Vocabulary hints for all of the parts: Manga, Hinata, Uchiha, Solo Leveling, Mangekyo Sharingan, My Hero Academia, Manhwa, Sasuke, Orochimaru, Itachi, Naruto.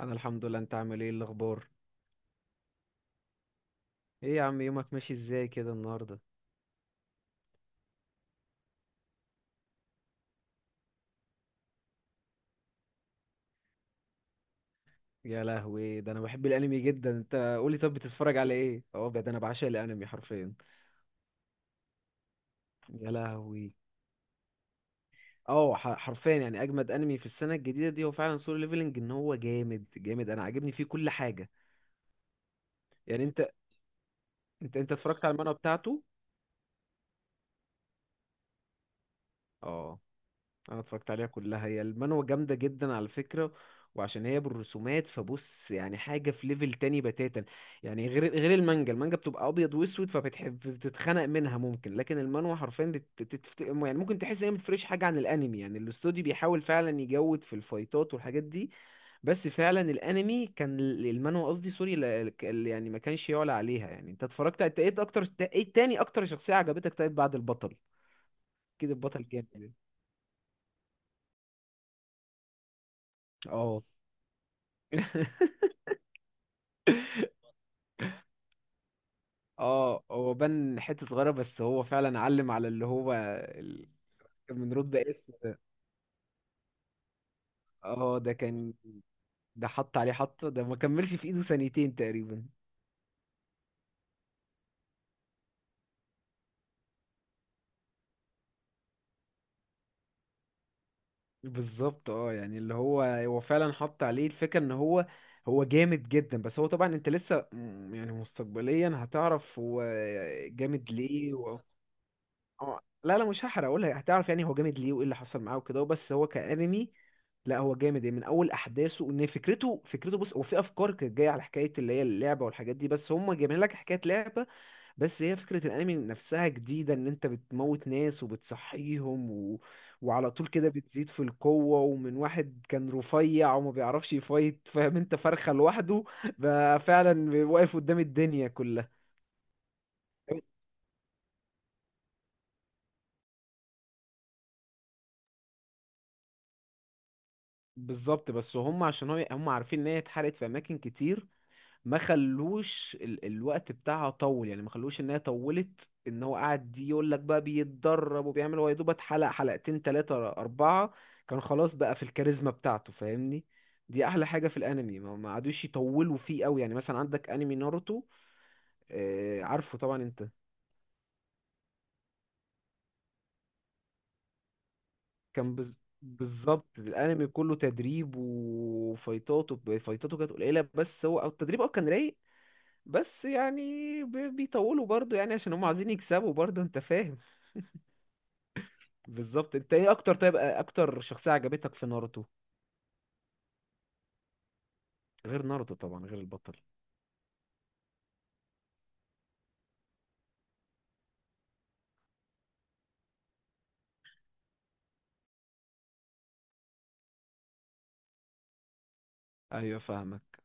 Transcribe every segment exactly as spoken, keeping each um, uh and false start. انا الحمد لله. انت عامل ايه؟ إيه الاخبار؟ ايه يا عم، يومك ماشي ازاي كده النهارده؟ يا لهوي، ده انا بحب الانمي جدا. انت قولي، طب بتتفرج على ايه؟ اه ده انا بعشق الانمي حرفيا. يا لهوي. اه ح- حرفيا يعني اجمد انمي في السنه الجديده دي هو فعلا سولو ليفلنج. ان هو جامد جامد، انا عاجبني فيه كل حاجه. يعني انت انت انت اتفرجت على المانهوا بتاعته؟ اه، انا اتفرجت عليها كلها. هي المانوا جامده جدا على فكره، وعشان هي بالرسومات فبص يعني حاجه في ليفل تاني بتاتا. يعني غير غير المانجا المانجا بتبقى ابيض واسود فبتحب بتتخنق منها ممكن، لكن المانوا حرفيا بت... بتت- يعني ممكن تحس ان هي متفرقش حاجه عن الانمي. يعني الاستوديو بيحاول فعلا يجود في الفايتات والحاجات دي. بس فعلا الانمي كان ال- المانوا قصدي سوري، لا- ال- يعني ما كانش يعلى عليها. يعني انت اتفرجت؟ انت ايه اكتر؟ ايه تاني اكتر شخصيه عجبتك، طيب، بعد البطل؟ كده البطل جامد يعني. اه اه. هو بان حتة صغيرة بس هو فعلا علم على اللي هو ال- كان من رود بائس. اه، ده كان ده حط عليه حطة، ده ما كملش في ايده ثانيتين تقريبا. بالظبط. اه، يعني اللي هو هو فعلا حط عليه الفكرة ان هو هو جامد جدا. بس هو طبعا انت لسه م- يعني مستقبليا هتعرف هو جامد ليه. اه، لا لا، مش هحرق، اقولها هتعرف يعني هو جامد ليه وايه اللي حصل معاه وكده، بس هو كانمي. لا، هو جامد يعني من اول احداثه، ان فكرته فكرته بص، هو في افكار كانت جايه على حكايه اللي هي اللعبه والحاجات دي، بس هم جايبين لك حكايه لعبه. بس هي فكره الانمي نفسها جديده، ان انت بتموت ناس وبتصحيهم و... وعلى طول كده بتزيد في القوه، ومن واحد كان رفيع وما بيعرفش يفايت، فاهم، انت فرخه لوحده، بقى فعلا واقف قدام الدنيا كلها. بالظبط. بس هم عشان هو هم عارفين ان هي اتحرقت في اماكن كتير، ما خلوش ال... الوقت بتاعها طول. يعني ما خلوش ان هي طولت، ان هو قاعد يقول لك بقى بيتدرب وبيعمل، هو يا دوب اتحلق حلقتين تلاتة اربعة كان خلاص بقى في الكاريزما بتاعته، فاهمني. دي احلى حاجة في الانمي، ما ما قعدوش يطولوا فيه قوي. يعني مثلا عندك انمي ناروتو، آه، عارفه طبعا انت. كان بز... بالظبط، الانمي كله تدريب، وفايتاته فايتاته كانت قليله بس هو او التدريب اه كان رايق. بس يعني بي- بيطولوا برضو، يعني عشان هم عايزين يكسبوا برضو، انت فاهم. بالظبط. انت ايه اكتر، طيب، اكتر شخصية عجبتك في ناروتو؟ غير ناروتو طبعا، غير البطل. ايوه فاهمك.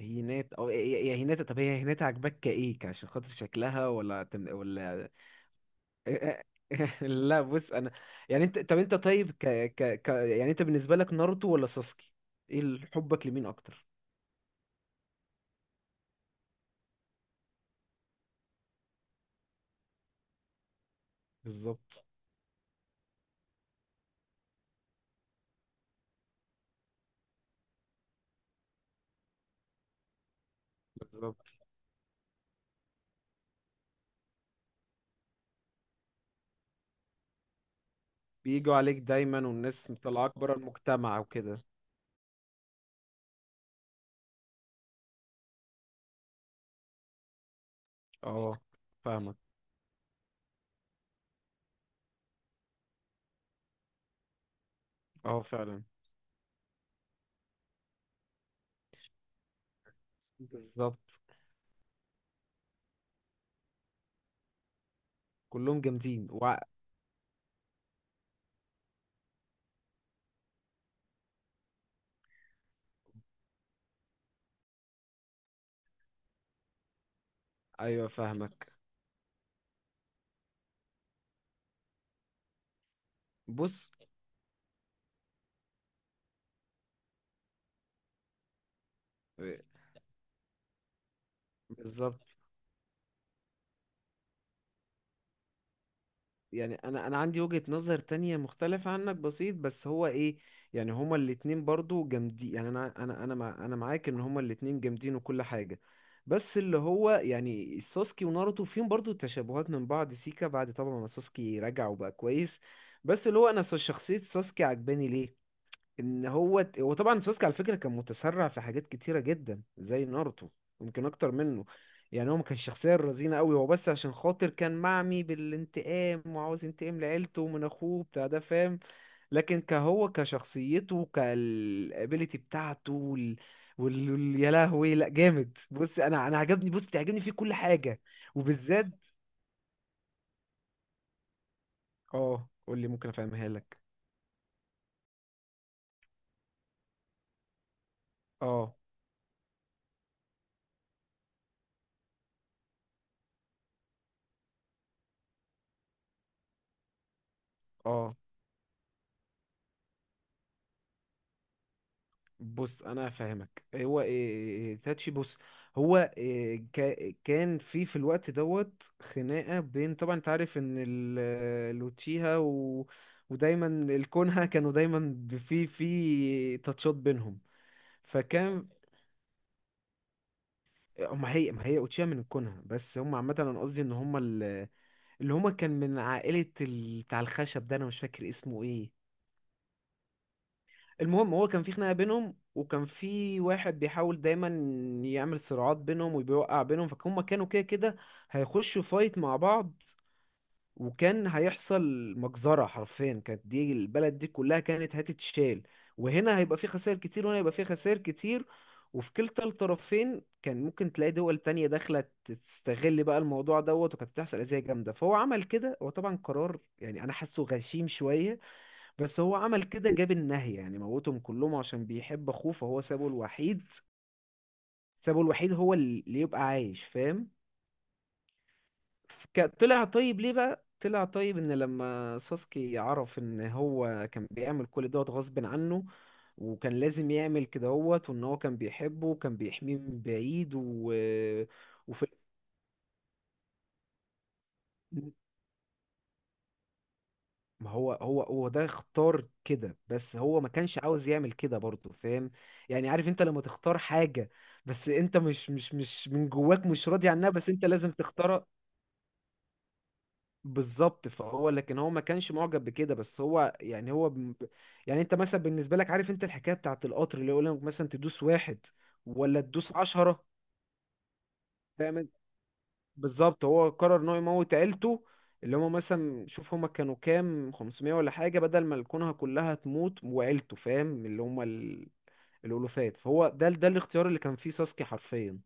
هينات او يا هيناتا، طب هي هيناتا عجبك كايه عشان خاطر شكلها، ولا تم... ولا؟ لا بص، انا يعني انت، طب انت طيب، ك... ك... ك... يعني انت بالنسبة لك ناروتو ولا ساسكي؟ ايه ال- حبك لمين اكتر؟ بالظبط. بالظبط، بيجوا عليك دايما والناس مطلعاك بره المجتمع وكده. اه فاهمك. اه فعلا. بالظبط، كلهم جامدين وع... ايوه فاهمك. بص، بالظبط، يعني انا انا عندي وجهة نظر تانية مختلفة عنك بسيط بس هو ايه. يعني هما الاتنين برضو جامدين، يعني انا انا انا مع... انا معاك ان هما الاتنين جامدين وكل حاجة. بس اللي هو يعني ساسكي وناروتو فيهم برضو تشابهات من بعض سيكا، بعد طبعا ما ساسكي رجع وبقى كويس. بس اللي هو انا شخصية ساسكي عجباني ليه، ان هو هو طبعا سوسكي على فكره كان متسرع في حاجات كتيره جدا زي ناروتو، يمكن اكتر منه. يعني هو ما كانش شخصيه رزينه قوي، هو بس عشان خاطر كان معمي بالانتقام وعاوز ينتقم لعيلته ومن اخوه بتاع ده، فاهم؟ لكن كهو كشخصيته كالابيليتي بتاعته وال... وال... وال... يا لهوي لا جامد. بص انا انا عجبني بص بتعجبني فيه كل حاجه، وبالذات. اه، قول لي ممكن افهمها لك. اه اه، بص انا فاهمك. هو إيه تاتشي، بص، هو إيه كا- كان في في الوقت دوت خناقه، بين، طبعا انت عارف ان ال- لوتشيها و... ودايما الكونها كانوا دايما ب- في في تاتشات بينهم. فكان، آه، ما هي ما هي اوتشيها من الكونها بس هم عامه، انا قصدي ان هم ال- اللي هم كان من عائله ال... بتاع الخشب ده انا مش فاكر اسمه ايه. المهم، هو كان في خناقة بينهم، وكان في واحد بيحاول دايما يعمل صراعات بينهم وبيوقع بينهم، فهم كانوا كده كده هيخشوا فايت مع بعض، وكان هيحصل مجزرة حرفيا كانت، دي البلد دي كلها كانت هتتشال. وهنا هيبقى في خسائر كتير وهنا هيبقى في خسائر كتير، وفي كلتا الطرفين كان ممكن تلاقي دول تانية داخلة تستغل بقى الموضوع دوت، وكانت بتحصل أذية جامدة. فهو عمل كده، هو طبعا قرار، يعني أنا حاسه غشيم شوية، بس هو عمل كده، جاب النهي يعني موتهم كلهم عشان بيحب اخوه فهو سابه الوحيد، سابه الوحيد هو اللي يبقى عايش، فاهم؟ ك- طلع طيب ليه بقى، طلع طيب ان لما ساسكي عرف ان هو كان بيعمل كل دوت غصب عنه، وكان لازم يعمل كده هوت، وان هو كان بيحبه وكان بيحميه من بعيد و... وفي. ما هو هو هو ده اختار كده، بس هو ما كانش عاوز يعمل كده برضه، فاهم؟ يعني عارف انت لما تختار حاجة بس انت مش مش مش من جواك مش راضي عنها، بس انت لازم تختارها. بالظبط. فهو لكن هو ما كانش معجب بكده، بس هو يعني هو ب... يعني انت مثلا بالنسبة لك عارف انت الحكاية بتاعت القطر اللي يقول لك مثلا تدوس واحد ولا تدوس عشرة، فاهم؟ بالظبط، هو قرر ان هو يموت عيلته، اللي هما مثلا شوف هما كانوا كام، خمسمية ولا حاجة، بدل ما الكونها كلها تموت وعيلته، فاهم؟ اللي هما ال... الألوفات. فهو ده ده الاختيار اللي كان فيه ساسكي حرفيا،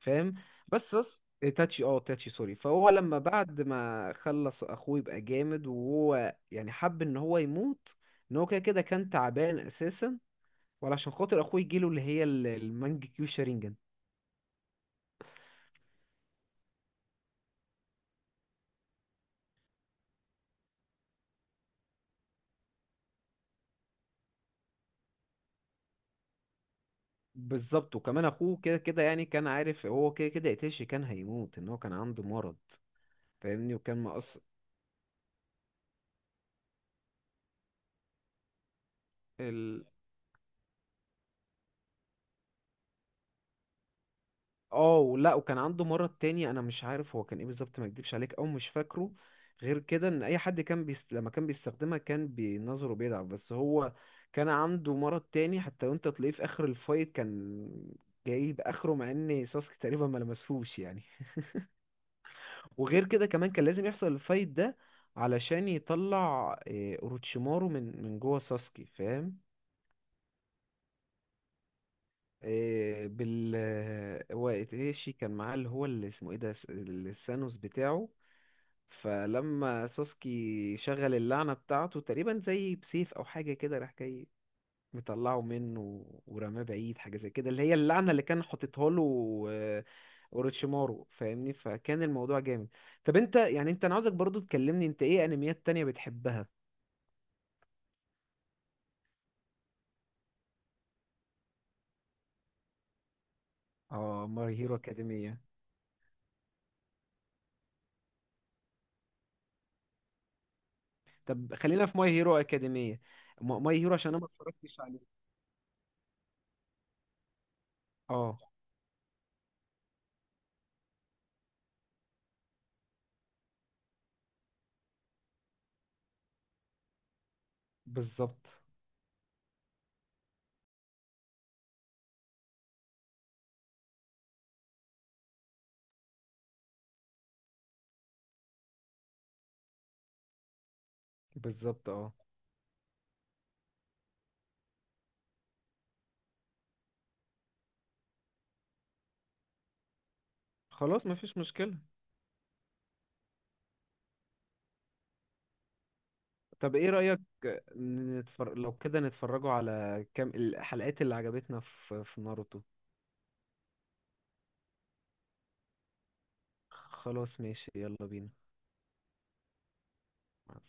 فاهم؟ بس ساس... إيه، تاتشي، اه تاتشي سوري. فهو لما بعد ما خلص اخوه يبقى جامد، وهو يعني حب ان هو يموت، ان هو كده كده كان تعبان اساسا، وعلشان خاطر اخوه يجيله اللي هي ال- المانج كيو شارينجان. بالظبط، وكمان اخوه كده كده يعني كان عارف هو كده كده قتيش كان هيموت، ان هو كان عنده مرض، فاهمني، وكان مقص ال... اه، ولا وكان عنده مرض تاني انا مش عارف هو كان ايه بالظبط، ما اكدبش عليك او مش فاكره. غير كده ان اي حد كان بيست... لما كان بيستخدمها كان بنظره بيضعف، بس هو كان عنده مرض تاني حتى، وانت تلاقيه في اخر الفايت كان جايب اخره مع ان ساسكي تقريبا ما لمسهوش يعني. وغير كده كمان كان لازم يحصل الفايت ده علشان يطلع إيه، اوروتشيمارو من من جوه ساسكي، فاهم؟ إيه، بال آه، هو ايتاشي كان معاه اللي هو اللي اسمه ايه ده، س- السانوس بتاعه. فلما ساسكي شغل اللعنة بتاعته تقريبا زي بسيف او حاجة كده، راح جاي مطلعه منه ورماه بعيد، حاجة زي كده، اللي هي اللعنة اللي كان حاططها له. آه، اوروتشيمارو، فاهمني. فكان الموضوع جامد. طب انت يعني، انت انا عاوزك برضو تكلمني انت ايه انميات تانية بتحبها. اه، ماي هيرو اكاديمية. طب خلينا في ماي هيرو اكاديمية، ماي هيرو، عشان انا ما اتفرجتش عليه. اه. بالظبط. بالظبط. اه. خلاص مفيش مشكلة. طب ايه رأيك، نتفر... لو كده نتفرجوا على كام الحلقات اللي عجبتنا في في ناروتو. خلاص ماشي، يلا بينا. مع السلامة.